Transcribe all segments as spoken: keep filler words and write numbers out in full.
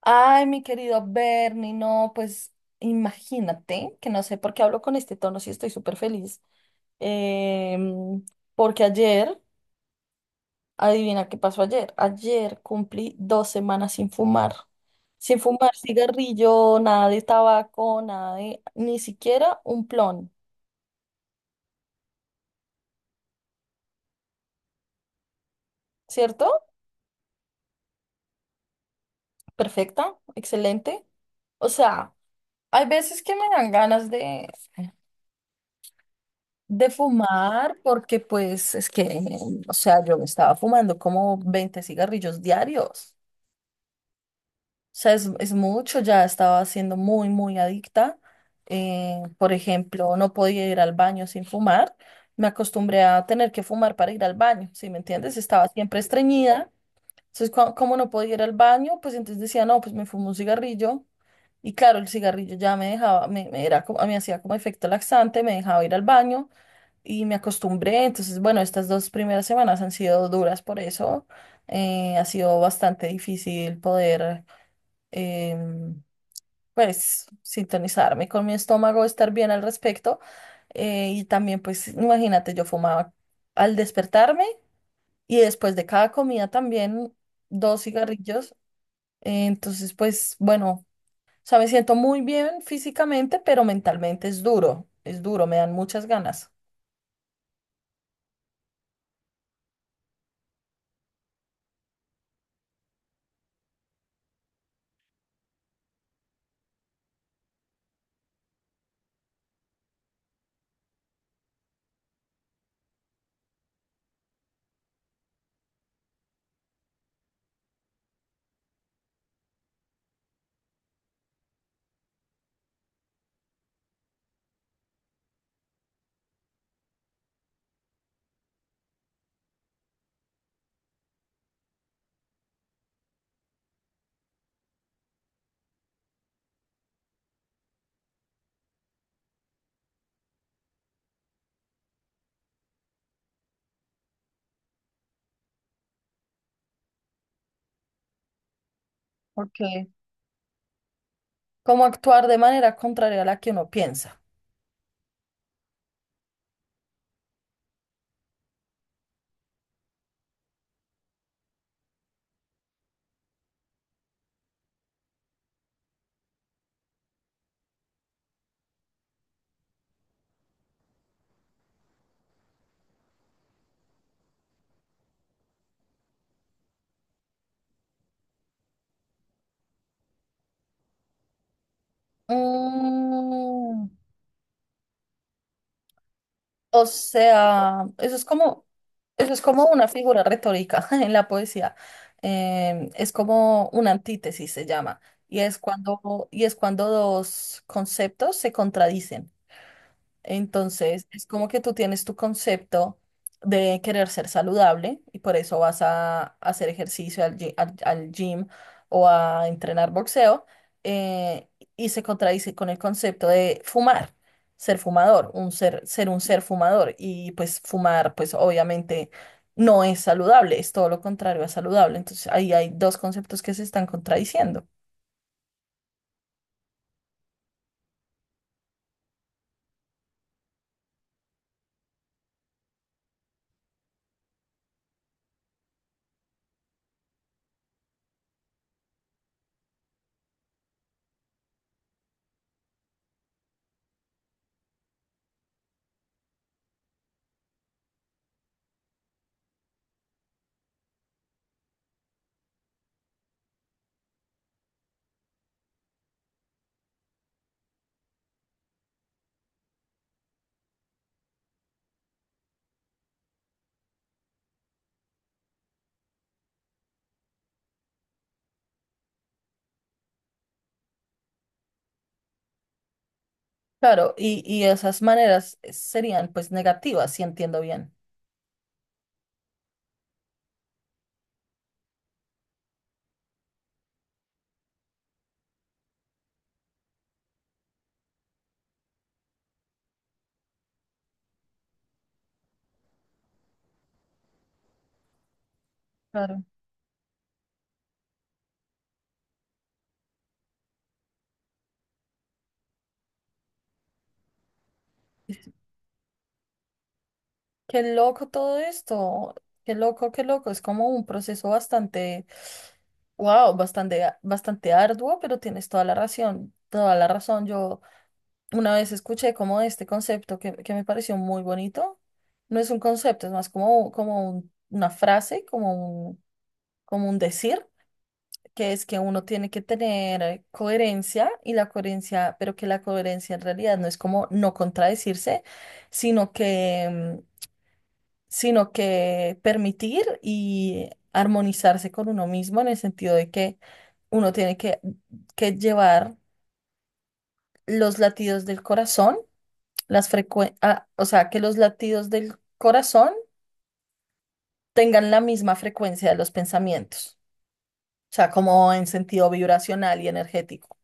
Ay, mi querido Bernie, no, pues imagínate que no sé por qué hablo con este tono si estoy súper feliz. Em, Porque ayer, adivina qué pasó ayer. Ayer cumplí dos semanas sin fumar. Sin fumar cigarrillo, nada de tabaco, nada de, ni siquiera un plon, ¿cierto? Perfecta, excelente. O sea, hay veces que me dan ganas de, De fumar, porque pues es que, o sea, yo me estaba fumando como veinte cigarrillos diarios. O sea, es, es mucho, ya estaba siendo muy, muy adicta. Eh, por ejemplo, no podía ir al baño sin fumar. Me acostumbré a tener que fumar para ir al baño, ¿sí me entiendes? Estaba siempre estreñida. Entonces, cua- como no podía ir al baño, pues entonces decía, no, pues me fumo un cigarrillo. Y claro, el cigarrillo ya me dejaba, me, me era como, me hacía como efecto laxante, me dejaba ir al baño y me acostumbré. Entonces, bueno, estas dos primeras semanas han sido duras por eso. Eh, ha sido bastante difícil poder, em, pues, sintonizarme con mi estómago, estar bien al respecto. Eh, y también, pues, imagínate, yo fumaba al despertarme y después de cada comida también dos cigarrillos. Eh, entonces, pues, bueno, o sea, me siento muy bien físicamente, pero mentalmente es duro, es duro, me dan muchas ganas. Ok. Como actuar de manera contraria a la que uno piensa. Mm, o sea, eso es como, eso es como una figura retórica en la poesía. Em, es como una antítesis, se llama. Y es cuando, y es cuando dos conceptos se contradicen. Entonces, es como que tú tienes tu concepto de querer ser saludable y por eso vas a hacer ejercicio al, gy- al- al gym o a entrenar boxeo, eh, y se contradice con el concepto de fumar, ser fumador, un ser, ser un ser fumador y pues fumar pues obviamente no es saludable, es todo lo contrario a saludable. Entonces, ahí hay dos conceptos que se están contradiciendo. Claro, y, y esas maneras eh, serían pues negativas, si entiendo bien. Claro. Qué loco todo esto. Qué loco, qué loco. Es como un proceso bastante, wow, bastante, a- bastante arduo, pero tienes toda la razón, toda la razón. Yo una vez escuché como este concepto que, que me pareció muy bonito. No es un concepto, es más como, como un- una frase, como un, como un decir, que es que uno tiene que tener eh, coherencia y la coherencia, pero que la coherencia en realidad no es como no contradecirse, sino que sino que permitir y armonizarse con uno mismo en el sentido de que uno tiene que, que llevar los latidos del corazón, las frecuen- ah, o sea, que los latidos del corazón tengan la misma frecuencia de los pensamientos, o sea, como en sentido vibracional y energético.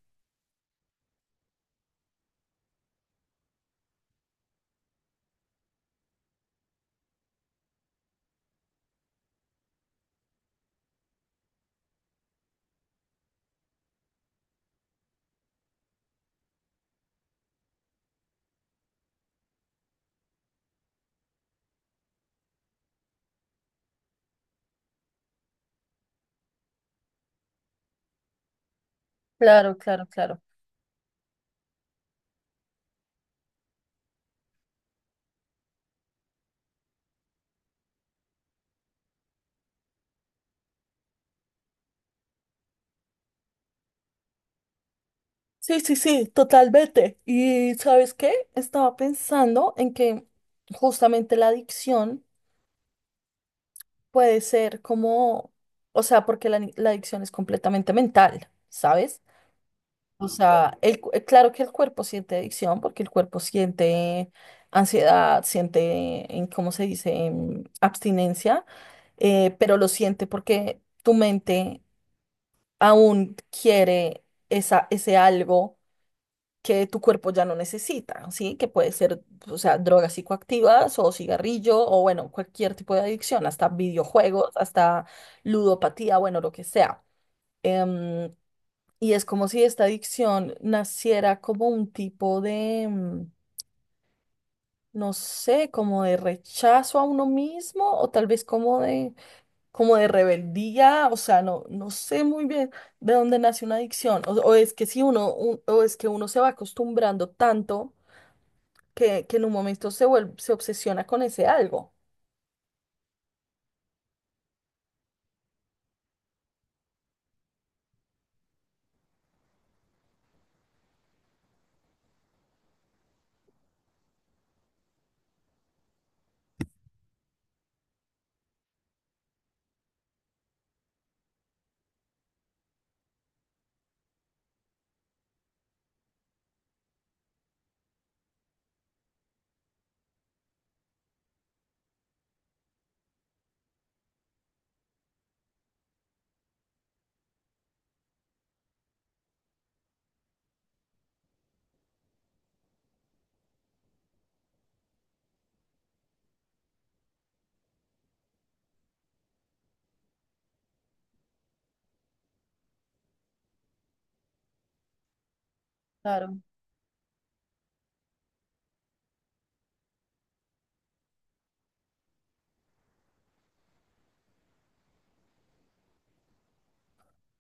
Claro, claro, claro. Sí, sí, sí, totalmente. ¿Y sabes qué? Estaba pensando en que justamente la adicción puede ser como, o sea, porque la, la adicción es completamente mental, ¿sabes? O sea, el, cu- eh, claro que el cuerpo siente adicción porque el cuerpo siente ansiedad, siente, em, ¿cómo se dice?, em, abstinencia, eh, pero lo siente porque tu mente aún quiere esa, ese algo que tu cuerpo ya no necesita, ¿sí? Que puede ser, o sea, drogas psicoactivas o cigarrillo o bueno, cualquier tipo de adicción, hasta videojuegos, hasta ludopatía, bueno, lo que sea. Em, y es como si esta adicción naciera como un tipo de, mm, no sé, como de rechazo a uno mismo o tal vez como de, como de rebeldía, o sea, no, no sé muy bien de dónde nace una adicción o, o es que si uno, un- o es que uno se va acostumbrando tanto que, que en un momento se vuelve, se obsesiona con ese algo. Claro.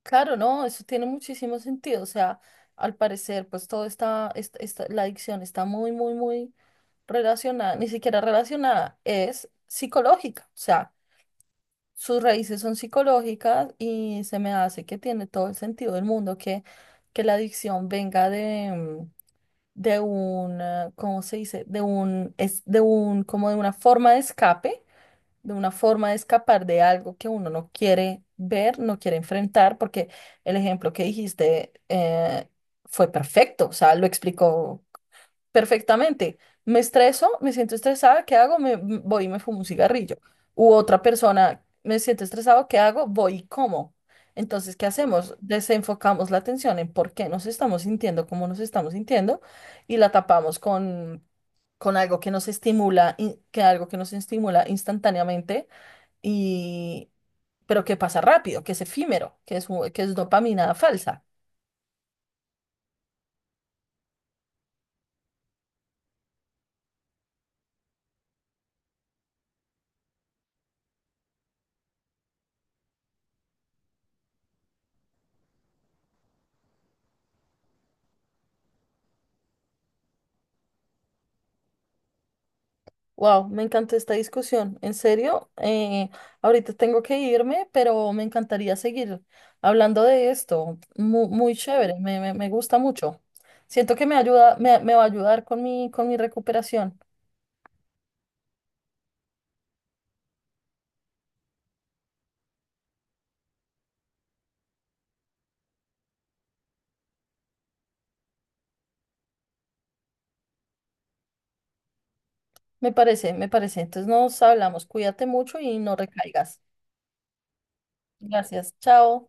Claro, no, eso tiene muchísimo sentido. O sea, al parecer, pues todo está, est- esta- la adicción está muy, muy, muy relacionada, ni siquiera relacionada, es psicológica. O sea, sus raíces son psicológicas y se me hace que tiene todo el sentido del mundo que, que la adicción venga de, mm, de un, eh, ¿cómo se dice? De un, es de un, como de una forma de escape, de una forma de escapar de algo que uno no quiere ver, no quiere enfrentar, porque el ejemplo que dijiste eh, fue perfecto, o sea, lo explicó perfectamente. Me estreso, me siento estresada, ¿qué hago? Me m- voy y me fumo un cigarrillo. U otra persona, me siento estresado, ¿qué hago? Voy y como. Entonces, ¿qué hacemos? Desenfocamos la atención en por qué nos estamos sintiendo como nos estamos sintiendo y la tapamos con, con algo que nos estimula, in- que algo que nos estimula instantáneamente y pero que pasa rápido, que es efímero, que es, un- que es dopamina falsa. Wow, me encantó esta discusión. En serio, eh, ahorita tengo que irme, pero me encantaría seguir hablando de esto. Muy, muy chévere, me, me- me gusta mucho. Siento que me ayuda, me, me va a ayudar con mi, con mi recuperación. Me parece, me parece. Entonces nos hablamos. Cuídate mucho y no recaigas. Gracias. Chao.